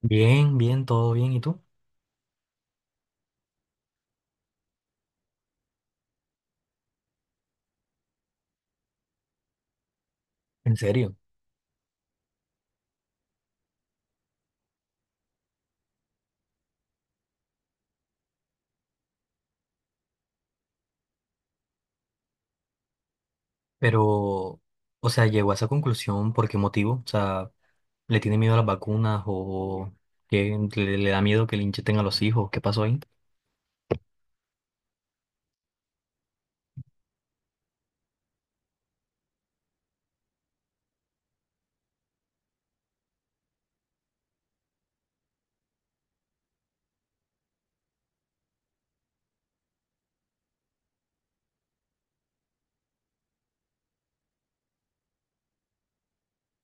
Bien, bien, todo bien. ¿Y tú? En serio. Pero, o sea, llegó a esa conclusión por qué motivo. O sea, ¿le tiene miedo a las vacunas o que le da miedo que le inyecten a los hijos? ¿Qué pasó ahí?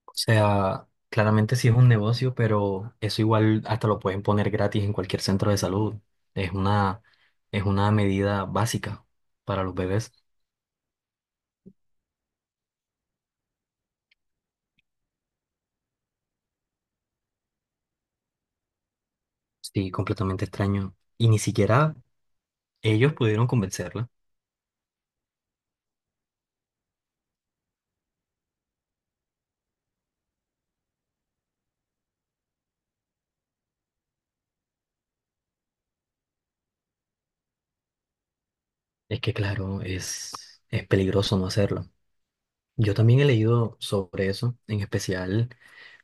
O sea, claramente sí es un negocio, pero eso igual hasta lo pueden poner gratis en cualquier centro de salud. Es una, es una medida básica para los bebés. Sí, completamente extraño. Y ni siquiera ellos pudieron convencerla. Es que, claro, es peligroso no hacerlo. Yo también he leído sobre eso, en especial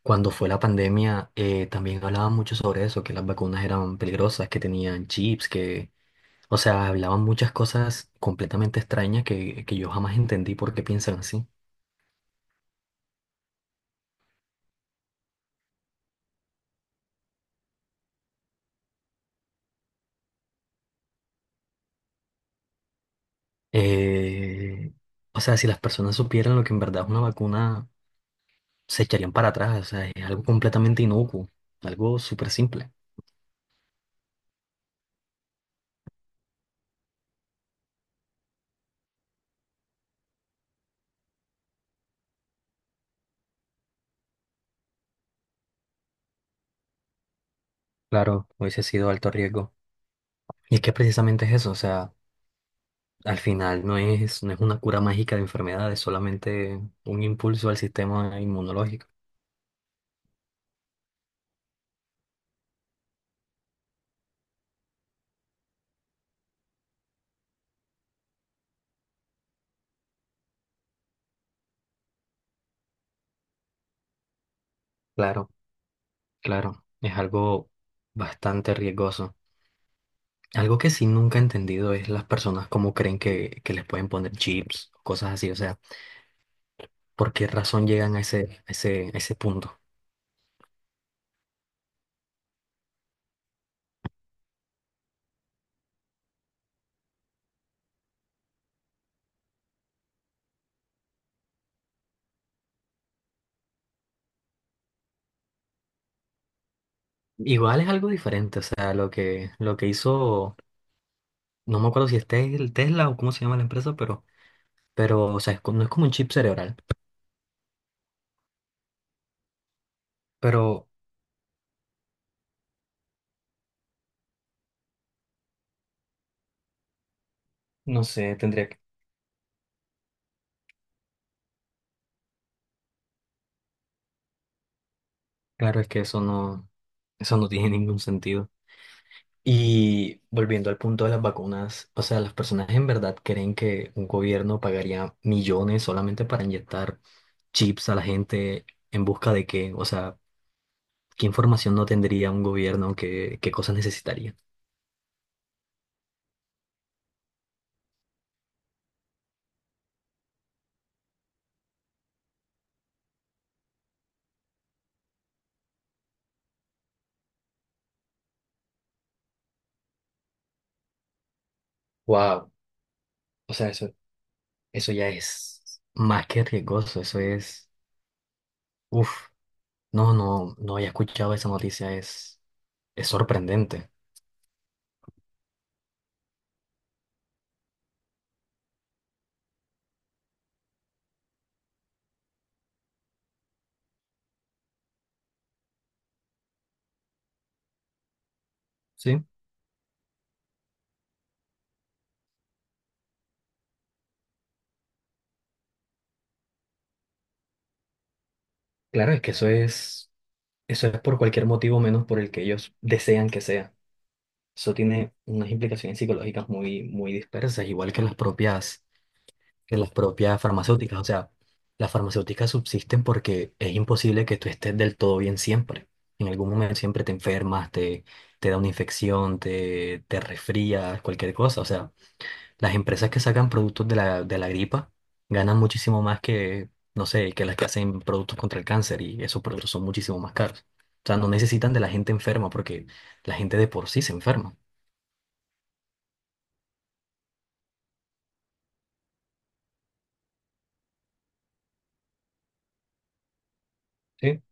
cuando fue la pandemia, también hablaban mucho sobre eso, que las vacunas eran peligrosas, que tenían chips, que, o sea, hablaban muchas cosas completamente extrañas que yo jamás entendí por qué piensan así. Eh, o sea, si las personas supieran lo que en verdad es una vacuna, se echarían para atrás, o sea, es algo completamente inocuo, algo súper simple. Claro, hubiese sido alto riesgo. Y es que precisamente es eso, o sea, al final no es una cura mágica de enfermedades, solamente un impulso al sistema inmunológico. Claro, claro, es algo bastante riesgoso. Algo que sí nunca he entendido es las personas cómo creen que les pueden poner chips, cosas así, o sea, por qué razón llegan a ese punto. Igual es algo diferente, o sea, lo que hizo, no me acuerdo si es Tesla o cómo se llama la empresa, pero, o sea, no es como un chip cerebral, pero no sé, tendría que. Claro, es que eso no tiene ningún sentido. Y volviendo al punto de las vacunas, o sea, las personas en verdad creen que un gobierno pagaría millones solamente para inyectar chips a la gente en busca de qué, o sea, qué información no tendría un gobierno, qué cosas necesitaría. Wow, o sea, eso ya es más que riesgoso, eso es, uff, no había escuchado esa noticia, es sorprendente. Sí, claro, es que eso es. Eso es por cualquier motivo menos por el que ellos desean que sea. Eso tiene unas implicaciones psicológicas muy, muy dispersas, igual que las propias farmacéuticas. O sea, las farmacéuticas subsisten porque es imposible que tú estés del todo bien siempre. En algún momento siempre te enfermas, te da una infección, te resfrías, cualquier cosa. O sea, las empresas que sacan productos de la gripa ganan muchísimo más que, no sé, que las que hacen productos contra el cáncer y esos productos son muchísimo más caros. O sea, no necesitan de la gente enferma porque la gente de por sí se enferma. Sí.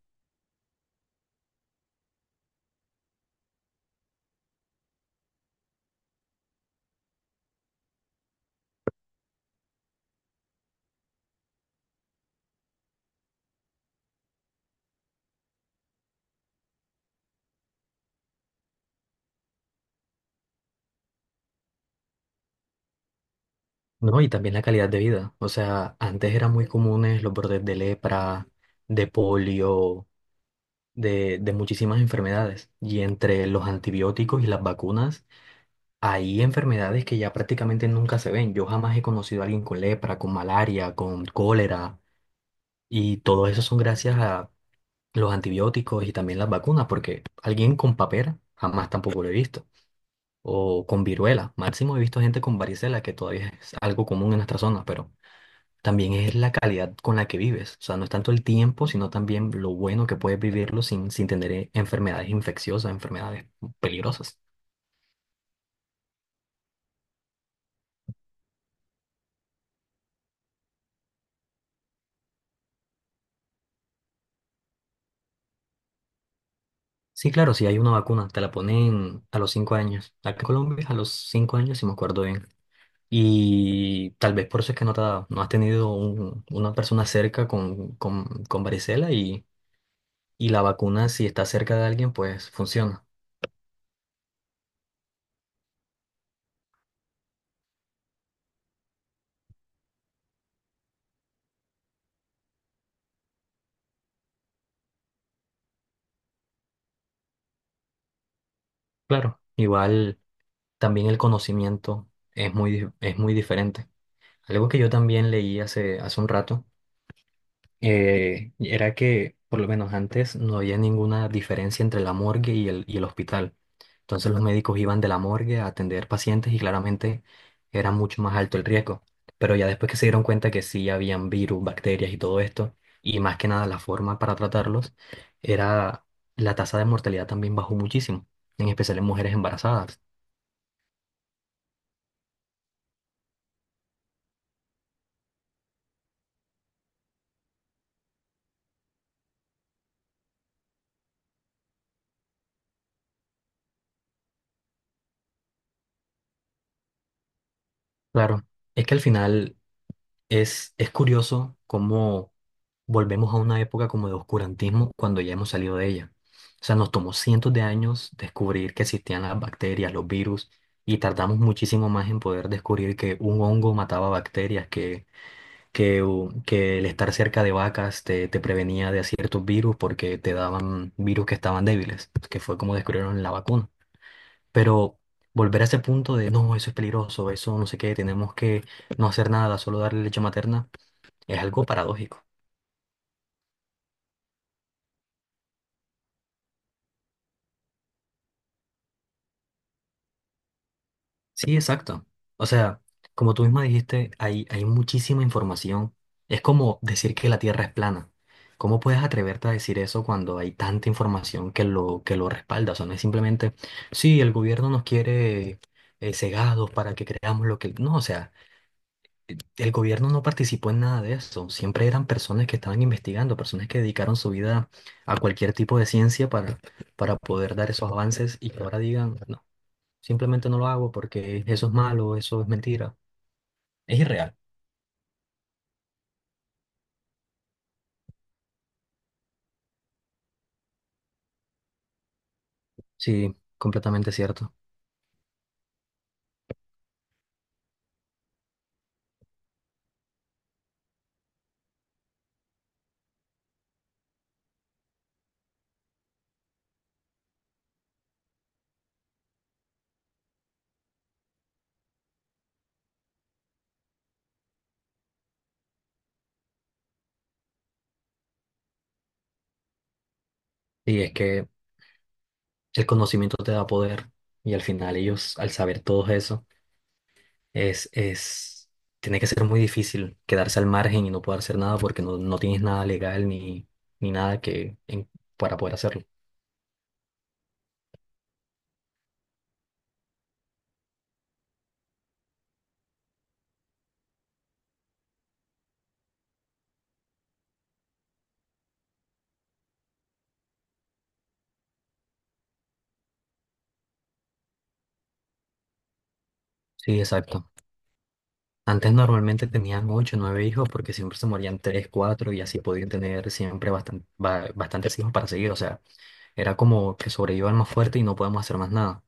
No, y también la calidad de vida. O sea, antes eran muy comunes los brotes de lepra, de polio, de muchísimas enfermedades. Y entre los antibióticos y las vacunas, hay enfermedades que ya prácticamente nunca se ven. Yo jamás he conocido a alguien con lepra, con malaria, con cólera. Y todo eso son gracias a los antibióticos y también las vacunas, porque alguien con papera jamás tampoco lo he visto. O con viruela. Máximo he visto gente con varicela, que todavía es algo común en nuestra zona, pero también es la calidad con la que vives. O sea, no es tanto el tiempo, sino también lo bueno que puedes vivirlo sin tener enfermedades infecciosas, enfermedades peligrosas. Sí, claro, si hay una vacuna, te la ponen a los 5 años. Acá en Colombia, a los 5 años, si me acuerdo bien. Y tal vez por eso es que no has tenido una persona cerca con, con varicela y la vacuna, si está cerca de alguien, pues funciona. Claro, igual también el conocimiento es es muy diferente. Algo que yo también leí hace un rato era que por lo menos antes no había ninguna diferencia entre la morgue y el hospital. Entonces los médicos iban de la morgue a atender pacientes y claramente era mucho más alto el riesgo. Pero ya después que se dieron cuenta que sí habían virus, bacterias y todo esto, y más que nada la forma para tratarlos, era la tasa de mortalidad también bajó muchísimo, en especial en mujeres embarazadas. Claro, es que al final es curioso cómo volvemos a una época como de oscurantismo cuando ya hemos salido de ella. O sea, nos tomó cientos de años descubrir que existían las bacterias, los virus, y tardamos muchísimo más en poder descubrir que un hongo mataba bacterias, que el estar cerca de vacas te prevenía de ciertos virus porque te daban virus que estaban débiles, que fue como descubrieron la vacuna. Pero volver a ese punto de, no, eso es peligroso, eso no sé qué, tenemos que no hacer nada, solo darle leche materna, es algo paradójico. Sí, exacto. O sea, como tú misma dijiste, hay muchísima información. Es como decir que la Tierra es plana. ¿Cómo puedes atreverte a decir eso cuando hay tanta información que lo respalda? O sea, no es simplemente, sí, el gobierno nos quiere cegados para que creamos lo que... No, o sea, el gobierno no participó en nada de eso. Siempre eran personas que estaban investigando, personas que dedicaron su vida a cualquier tipo de ciencia para poder dar esos avances y que ahora digan, no. Simplemente no lo hago porque eso es malo, eso es mentira. Es irreal. Sí, completamente cierto. Y es que el conocimiento te da poder y al final ellos, al saber todo eso, es, es, tiene que ser muy difícil quedarse al margen y no poder hacer nada porque no tienes nada legal ni, ni nada que en- para poder hacerlo. Sí, exacto. Antes normalmente tenían ocho, nueve hijos porque siempre se morían tres, cuatro y así podían tener siempre bastantes hijos para seguir. O sea, era como que sobreviva el más fuerte y no podemos hacer más nada.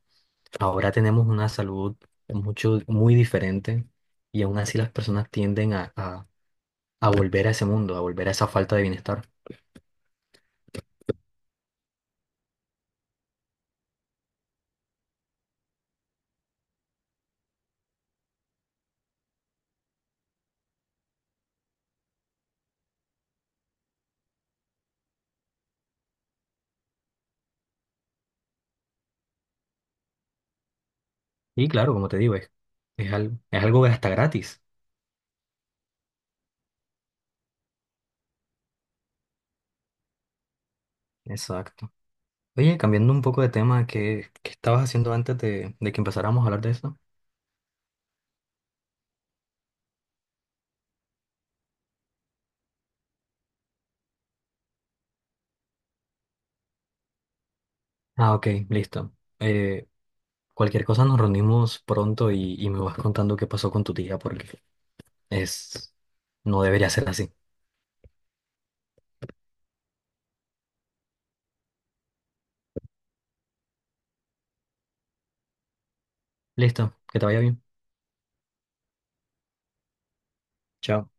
Ahora tenemos una salud mucho, muy diferente y aún así las personas tienden a volver a ese mundo, a volver a esa falta de bienestar. Y claro, como te digo, es algo hasta gratis. Exacto. Oye, cambiando un poco de tema, ¿qué estabas haciendo antes de que empezáramos a hablar de eso? Ah, ok, listo. Eh, cualquier cosa nos reunimos pronto y me vas contando qué pasó con tu tía porque es, no debería ser así. Listo, que te vaya bien. Chao.